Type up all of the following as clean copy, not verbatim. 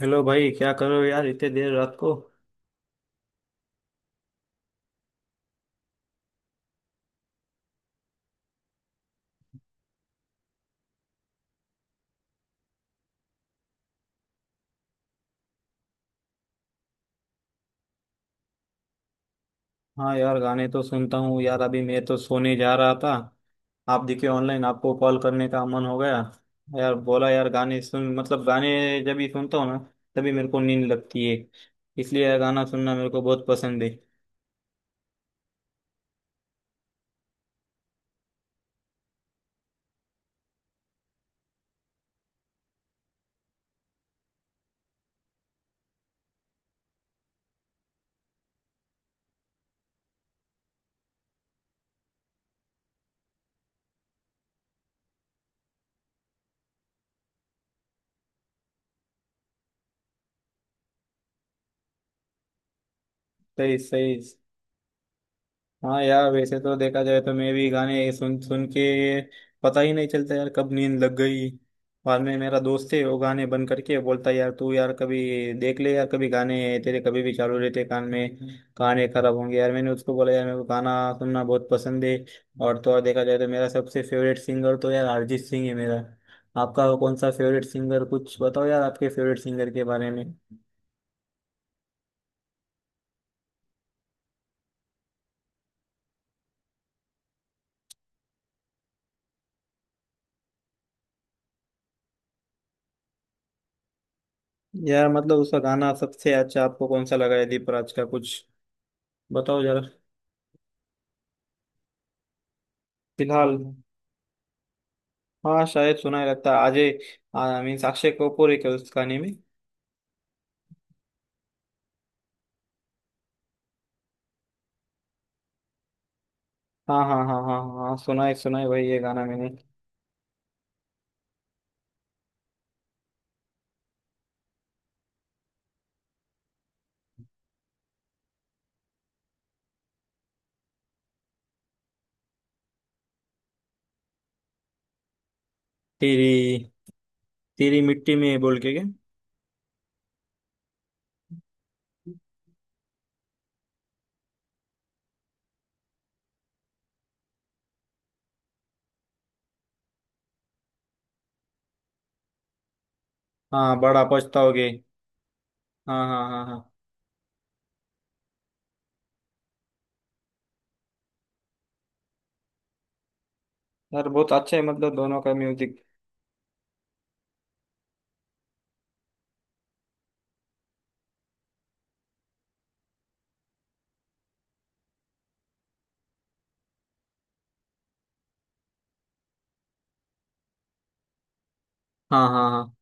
Hello भाई, क्या कर रहे हो यार इतने देर रात को। हाँ यार, गाने तो सुनता हूँ यार। अभी मैं तो सोने जा रहा था। आप दिखे ऑनलाइन, आपको कॉल करने का मन हो गया। यार बोला यार गाने सुन, मतलब गाने जब भी सुनता हूँ ना, तभी मेरे को नींद लगती है। इसलिए यार गाना सुनना मेरे को बहुत पसंद है। सही सही। हाँ यार, वैसे तो देखा जाए तो मैं भी गाने सुन सुन के पता ही नहीं चलता यार कब नींद लग गई। बाद में मेरा दोस्त है वो गाने बंद करके बोलता है, यार तू यार कभी देख ले यार, कभी गाने तेरे कभी भी चालू रहते कान में, गाने खराब होंगे। यार मैंने उसको बोला यार मेरे को गाना सुनना बहुत पसंद है। और तो और, देखा जाए तो मेरा सबसे फेवरेट सिंगर तो यार अरिजीत सिंह है मेरा। आपका कौन सा फेवरेट सिंगर, कुछ बताओ यार आपके फेवरेट सिंगर के बारे में। यार मतलब उसका गाना सबसे अच्छा आपको कौन सा लगा है दीपराज का, कुछ बताओ जरा। फिलहाल। हाँ शायद सुना ही लगता है अजय। मीन्स अक्षय कपूर है क्या उस गाने में। हाँ हाँ हाँ हाँ हाँ, सुना है भाई ये गाना मैंने। तेरी तेरी मिट्टी में बोल के क्या। हाँ बड़ा पछताओगे। हाँ हाँ हाँ हाँ। यार बहुत अच्छा है, मतलब दोनों का म्यूजिक। हाँ हाँ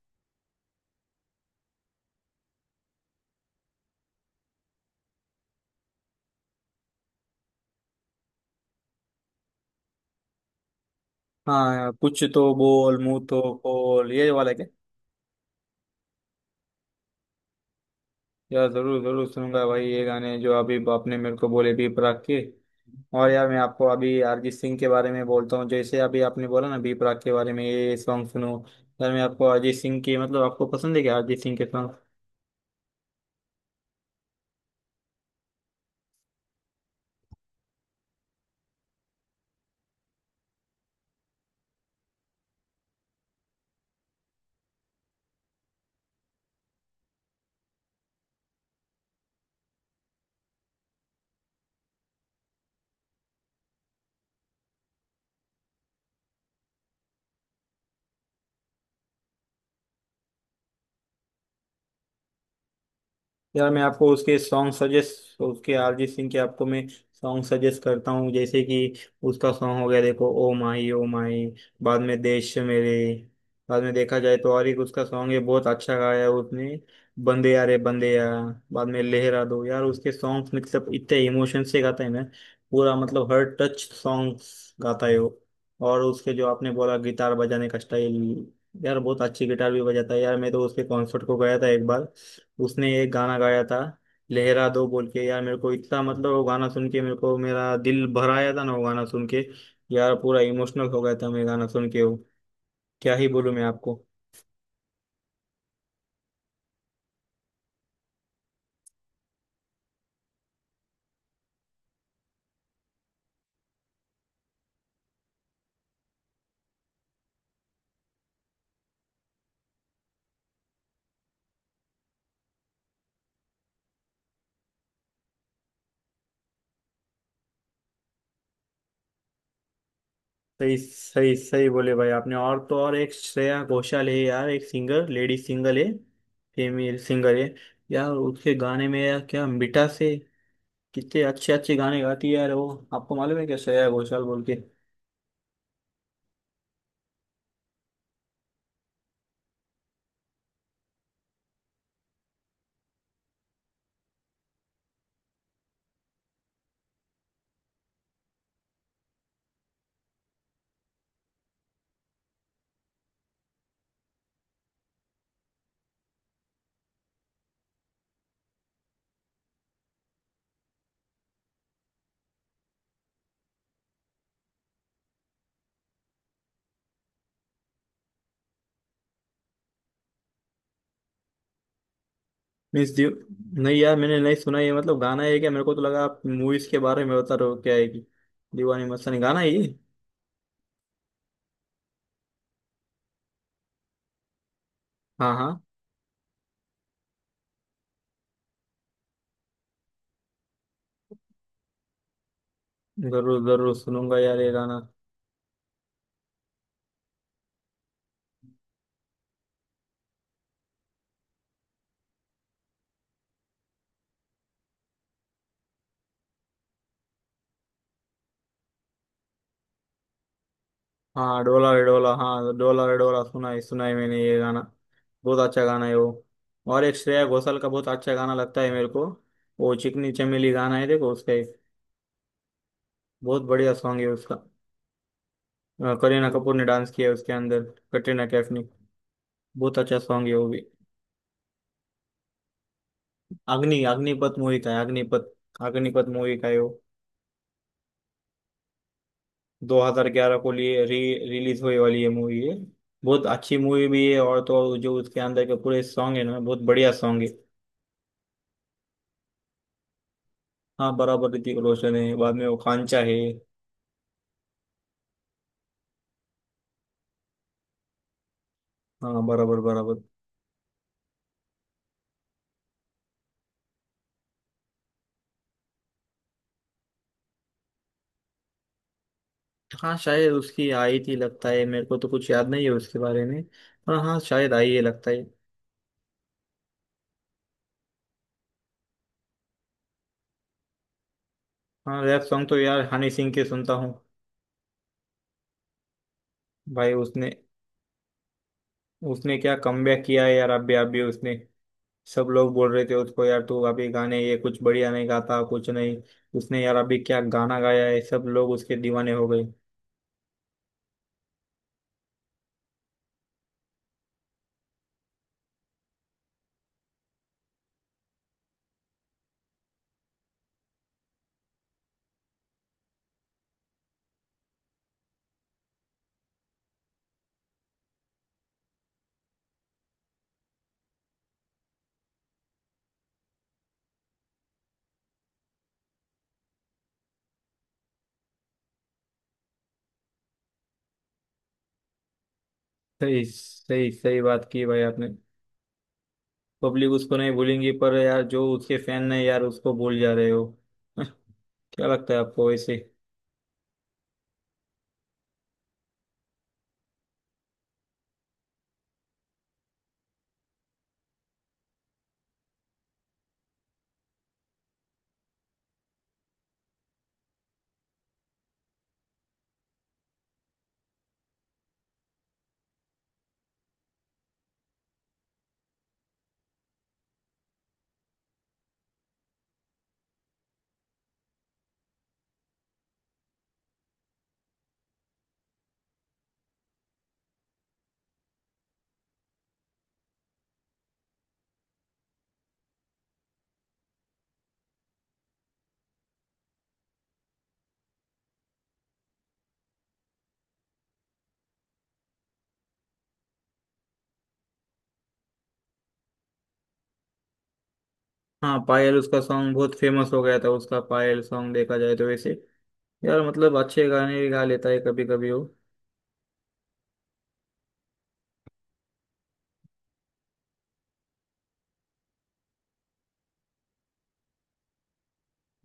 हाँ हाँ, कुछ तो बोल मुंह तो बोल ये वाला क्या। यार जरूर जरूर सुनूंगा भाई ये गाने जो अभी आपने मेरे को बोले बी प्राक के। और यार मैं आपको अभी अरिजीत सिंह के बारे में बोलता हूँ, जैसे अभी आपने बोला ना बी प्राक के बारे में ये सॉन्ग सुनो। यार मैं आपको अरिजीत सिंह की, मतलब आपको पसंद है क्या अरिजीत सिंह के। यार मैं आपको उसके सॉन्ग सजेस्ट, उसके अरिजीत सिंह के आपको मैं सॉन्ग सजेस्ट करता हूँ। जैसे कि उसका सॉन्ग हो गया देखो, ओ माही ओ माही। बाद में देश मेरे। बाद में देखा जाए तो और एक उसका सॉन्ग है, बहुत अच्छा गाया है उसने, बंदे यार रे बंदे यार। बाद में लहरा दो। यार उसके सॉन्ग्स मतलब इतने इमोशन से गाता है ना, पूरा मतलब हर टच सॉन्ग्स गाता है वो। और उसके जो आपने बोला गिटार बजाने का स्टाइल, यार बहुत अच्छी गिटार भी बजाता है यार। मैं तो उसके कॉन्सर्ट को गया था एक बार, उसने एक गाना गाया था लहरा दो बोल के। यार मेरे को इतना, मतलब वो गाना सुन के मेरे को मेरा दिल भर आया था ना वो गाना सुन के। यार पूरा इमोशनल हो गया था मैं गाना सुन के वो। क्या ही बोलूं मैं आपको। सही सही, सही बोले भाई आपने। और तो और, एक श्रेया घोषाल है यार, एक सिंगर लेडी सिंगर है, फीमेल सिंगर है। यार उसके गाने में यार क्या मिठास है। कितने अच्छे अच्छे गाने गाती है यार वो, आपको मालूम है क्या श्रेया घोषाल बोल के। मीन्स दियो, नहीं यार मैंने नहीं सुना ये, मतलब गाना है क्या? मेरे को तो लगा आप मूवीज के बारे में बता रहे हो, क्या है कि दीवानी मस्तानी गाना है ये। हाँ हाँ, जरूर जरूर सुनूंगा यार ये गाना। हाँ डोला रे डोला, हाँ डोला रे डोला, सुना है मैंने ये गाना। बहुत अच्छा गाना है वो। और एक श्रेया घोषाल का बहुत अच्छा गाना लगता है मेरे को, वो चिकनी चमेली गाना है देखो उसका एक, बहुत बढ़िया सॉन्ग है उसका। करीना कपूर ने डांस किया है उसके अंदर, कटरीना कैफ ने। बहुत अच्छा सॉन्ग है वो भी। अग्निपथ मूवी का है, अग्निपथ। अग्निपथ मूवी का है वो। 2011 को लिए री रिलीज होने वाली ये मूवी है। बहुत अच्छी मूवी भी है, और तो और जो उसके अंदर के पूरे सॉन्ग है ना बहुत बढ़िया सॉन्ग है। हाँ बराबर, ऋतिक रोशन है। बाद में वो कांचा है। हाँ बराबर बराबर। हाँ शायद उसकी आई थी लगता है, मेरे को तो कुछ याद नहीं है उसके बारे में। पर हाँ शायद आई है लगता है। हाँ रैप सॉन्ग तो यार हनी सिंह के सुनता हूँ। भाई उसने उसने क्या कमबैक किया है यार, अभी अभी उसने। सब लोग बोल रहे थे उसको, यार तू अभी गाने ये कुछ बढ़िया नहीं गाता कुछ नहीं। उसने यार अभी क्या गाना गाया है, सब लोग उसके दीवाने हो गए। सही सही, सही बात की भाई आपने। पब्लिक उसको नहीं भूलेंगी, पर यार जो उसके फैन है यार उसको भूल जा रहे हो। क्या लगता है आपको वैसे। हाँ पायल उसका सॉन्ग बहुत फेमस हो गया था, उसका पायल सॉन्ग देखा जाए तो वैसे। यार मतलब अच्छे गाने भी गा लेता है कभी कभी वो।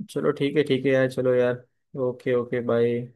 चलो ठीक है यार, चलो यार। Okay okay bye.